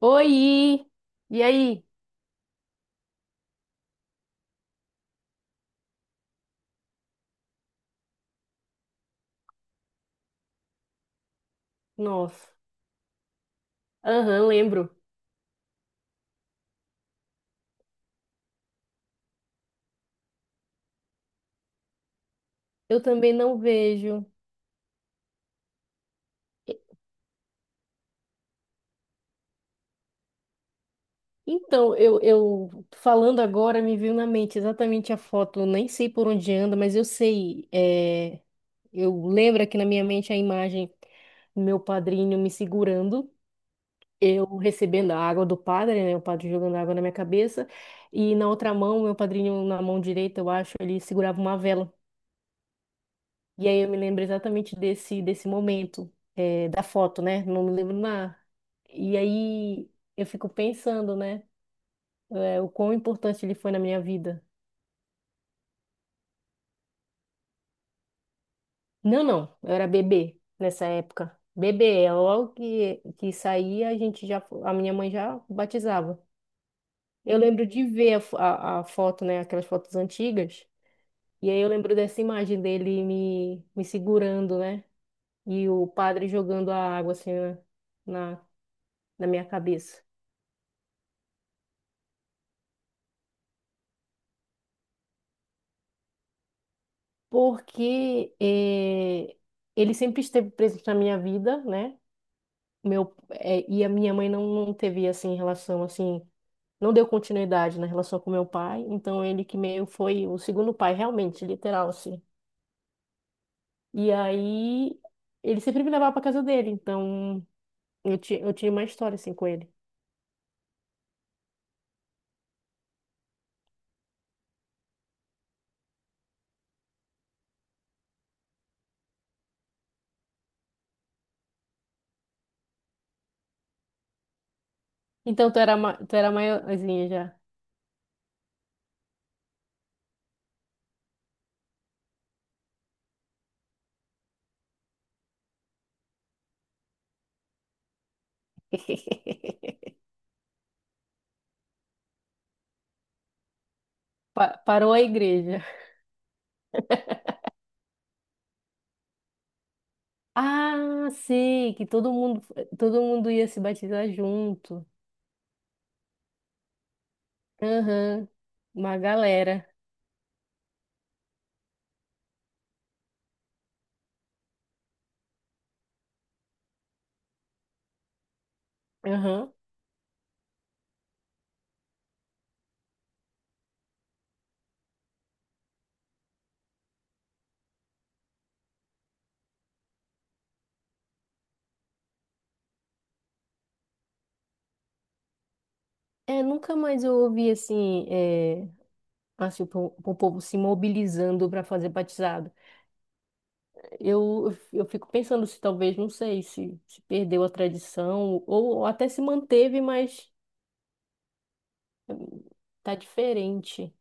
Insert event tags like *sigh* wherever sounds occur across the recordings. Oi! E aí? Nossa. Aham, lembro. Eu também não vejo. E- Então, eu falando agora, me veio na mente exatamente a foto. Eu nem sei por onde anda, mas eu sei. Eu lembro aqui na minha mente a imagem do meu padrinho me segurando, eu recebendo a água do padre, né? O padre jogando água na minha cabeça. E na outra mão, meu padrinho, na mão direita, eu acho, ele segurava uma vela. E aí eu me lembro exatamente desse momento, da foto, né? Não me lembro nada. E aí eu fico pensando, né? O quão importante ele foi na minha vida. Não, não, eu era bebê nessa época. Bebê, é logo que saía, a minha mãe já batizava. Eu lembro de ver a foto, né? Aquelas fotos antigas. E aí eu lembro dessa imagem dele me segurando, né? E o padre jogando a água assim na, na na minha cabeça. Porque ele sempre esteve presente na minha vida, né? E a minha mãe não teve, assim, relação, assim, não deu continuidade na relação com meu pai, então ele que meio foi o segundo pai, realmente, literal, assim. E aí, ele sempre me levava pra casa dele, então eu tinha uma história, assim, com ele. Então, tu era maiorzinha já. *laughs* Parou a igreja. *laughs* Ah, sei, que todo mundo ia se batizar junto. Aham, uma galera. Aham. É, nunca mais eu ouvi assim, assim, o povo se mobilizando para fazer batizado. Eu fico pensando se talvez, não sei, se perdeu a tradição ou até se manteve, mas hum, tá diferente.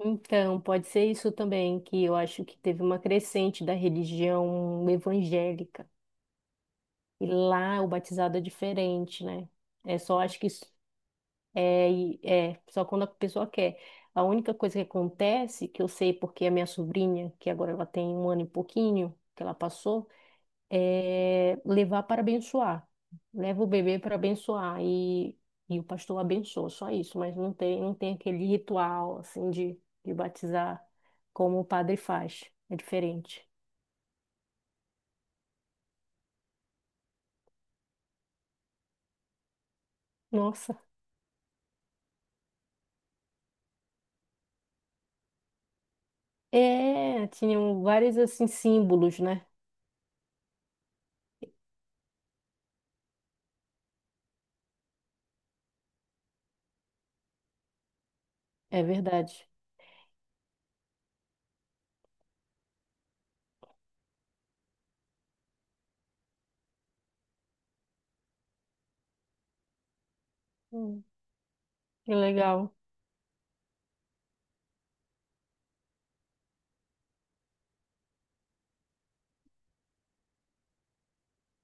Então, pode ser isso também, que eu acho que teve uma crescente da religião evangélica. E lá o batizado é diferente, né? É só, acho que isso é só quando a pessoa quer. A única coisa que acontece, que eu sei porque a minha sobrinha, que agora ela tem um ano e pouquinho, que ela passou, é levar para abençoar. Leva o bebê para abençoar e o pastor abençoa, só isso. Mas não tem aquele ritual, assim, de batizar como o padre faz. É diferente. Nossa. É, tinham vários, assim, símbolos, né? É verdade. Hum. Que legal.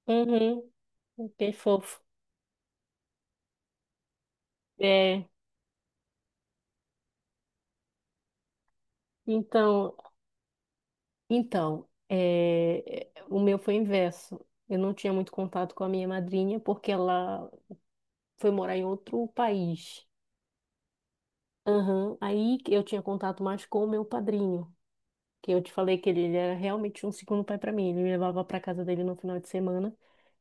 Uhum. Que fofo. É, então, então, o meu foi inverso. Eu não tinha muito contato com a minha madrinha porque ela foi morar em outro país. Aham. Aí que eu tinha contato mais com o meu padrinho, que eu te falei que ele era realmente um segundo pai para mim. Ele me levava para casa dele no final de semana,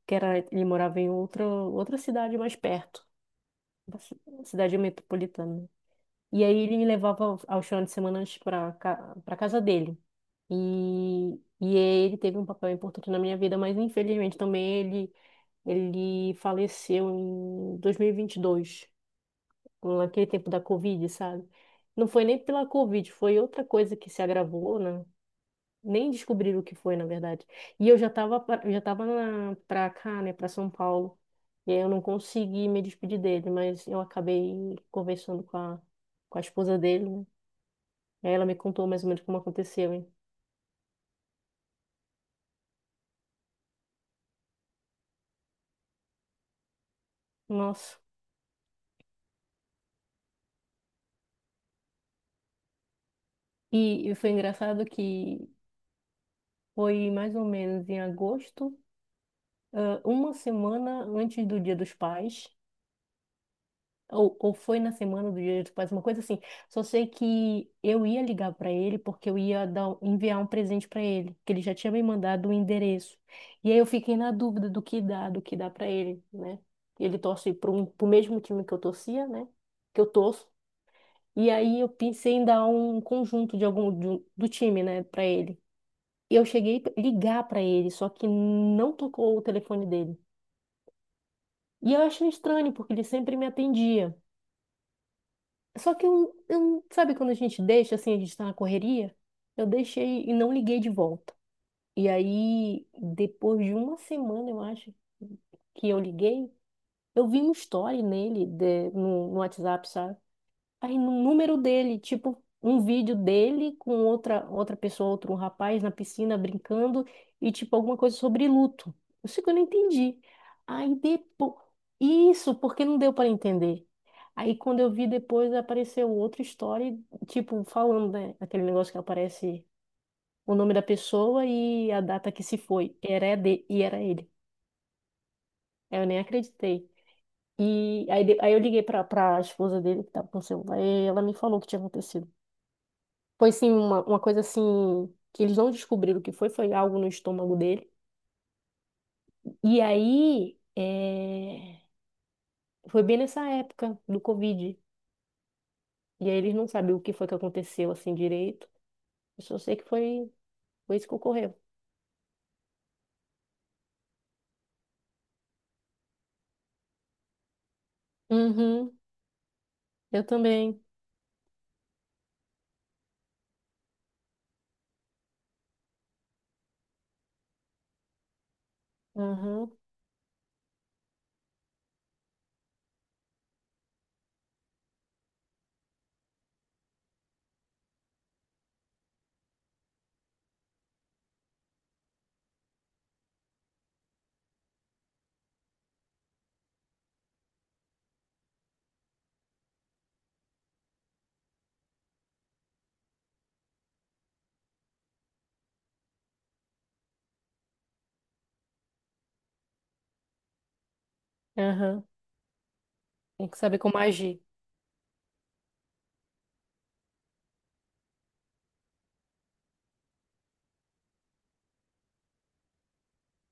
que era ele morava em outra cidade mais perto, uma cidade metropolitana. E aí ele me levava aos finais de semana para casa dele. E, e ele teve um papel importante na minha vida, mas infelizmente também ele faleceu em dois mil e vinte e dois, naquele tempo da Covid, sabe? Não foi nem pela Covid, foi outra coisa que se agravou, né? Nem descobriram o que foi, na verdade. E eu já estava pra cá, né, para São Paulo. E aí eu não consegui me despedir dele, mas eu acabei conversando com a esposa dele. Aí ela me contou mais ou menos como aconteceu, hein? Nossa. E foi engraçado que foi mais ou menos em agosto, uma semana antes do Dia dos Pais, ou foi na semana do Dia dos Pais, uma coisa assim. Só sei que eu ia ligar para ele porque eu ia enviar um presente para ele, que ele já tinha me mandado o endereço. E aí eu fiquei na dúvida do que dá para ele, né? Ele torce para o mesmo time que eu torcia, né? Que eu torço. E aí eu pensei em dar um conjunto de algum do time, né, para ele. E eu cheguei a ligar para ele, só que não tocou o telefone dele. E eu achei estranho, porque ele sempre me atendia. Só que sabe quando a gente deixa assim, a gente tá na correria? Eu deixei e não liguei de volta. E aí, depois de uma semana, eu acho, que eu liguei, eu vi um story nele no WhatsApp, sabe? Aí no número dele, tipo, um vídeo dele com outra pessoa, outro rapaz na piscina brincando e tipo alguma coisa sobre luto. Isso que eu não entendi. Aí depois isso, porque não deu para entender. Aí quando eu vi depois apareceu outra história, tipo, falando, né, aquele negócio que aparece o nome da pessoa e a data que se foi. Era é de e era ele. Aí eu nem acreditei. E aí, aí eu liguei pra esposa dele que tava com o celular e ela me falou o que tinha acontecido. Foi sim uma coisa assim que eles não descobriram o que foi, foi algo no estômago dele. E aí foi bem nessa época do Covid. E aí eles não sabiam o que foi que aconteceu assim direito. Eu só sei que foi isso que ocorreu. Uhum, eu também. Uhum, uhum. Tem que saber como agir.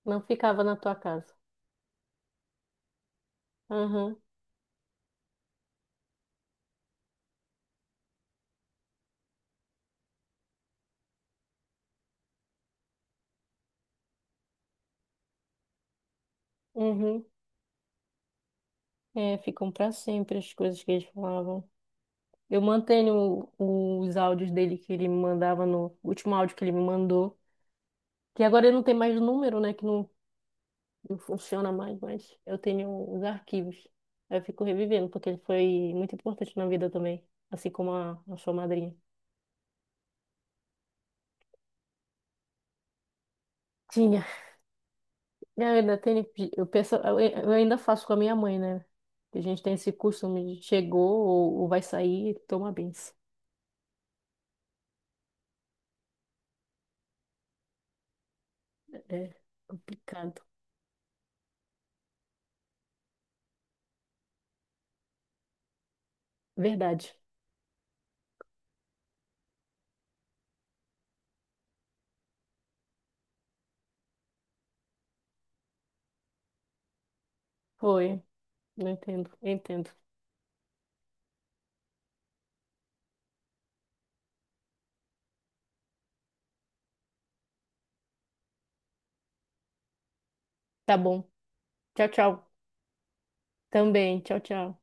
Não ficava na tua casa. Uhum, uhum. É, ficam pra sempre as coisas que eles falavam. Eu mantenho os áudios dele que ele me mandava no o último áudio que ele me mandou. Que agora ele não tem mais número, né? Que não funciona mais, mas eu tenho os arquivos. Aí eu fico revivendo, porque ele foi muito importante na vida também, assim como a sua madrinha. Tinha. Eu ainda tenho, eu penso, eu ainda faço com a minha mãe, né? Que a gente tem esse costume de chegou ou vai sair, toma benção. É complicado. Verdade. Foi. Não entendo, eu entendo. Tá bom. Tchau, tchau. Também. Tchau, tchau.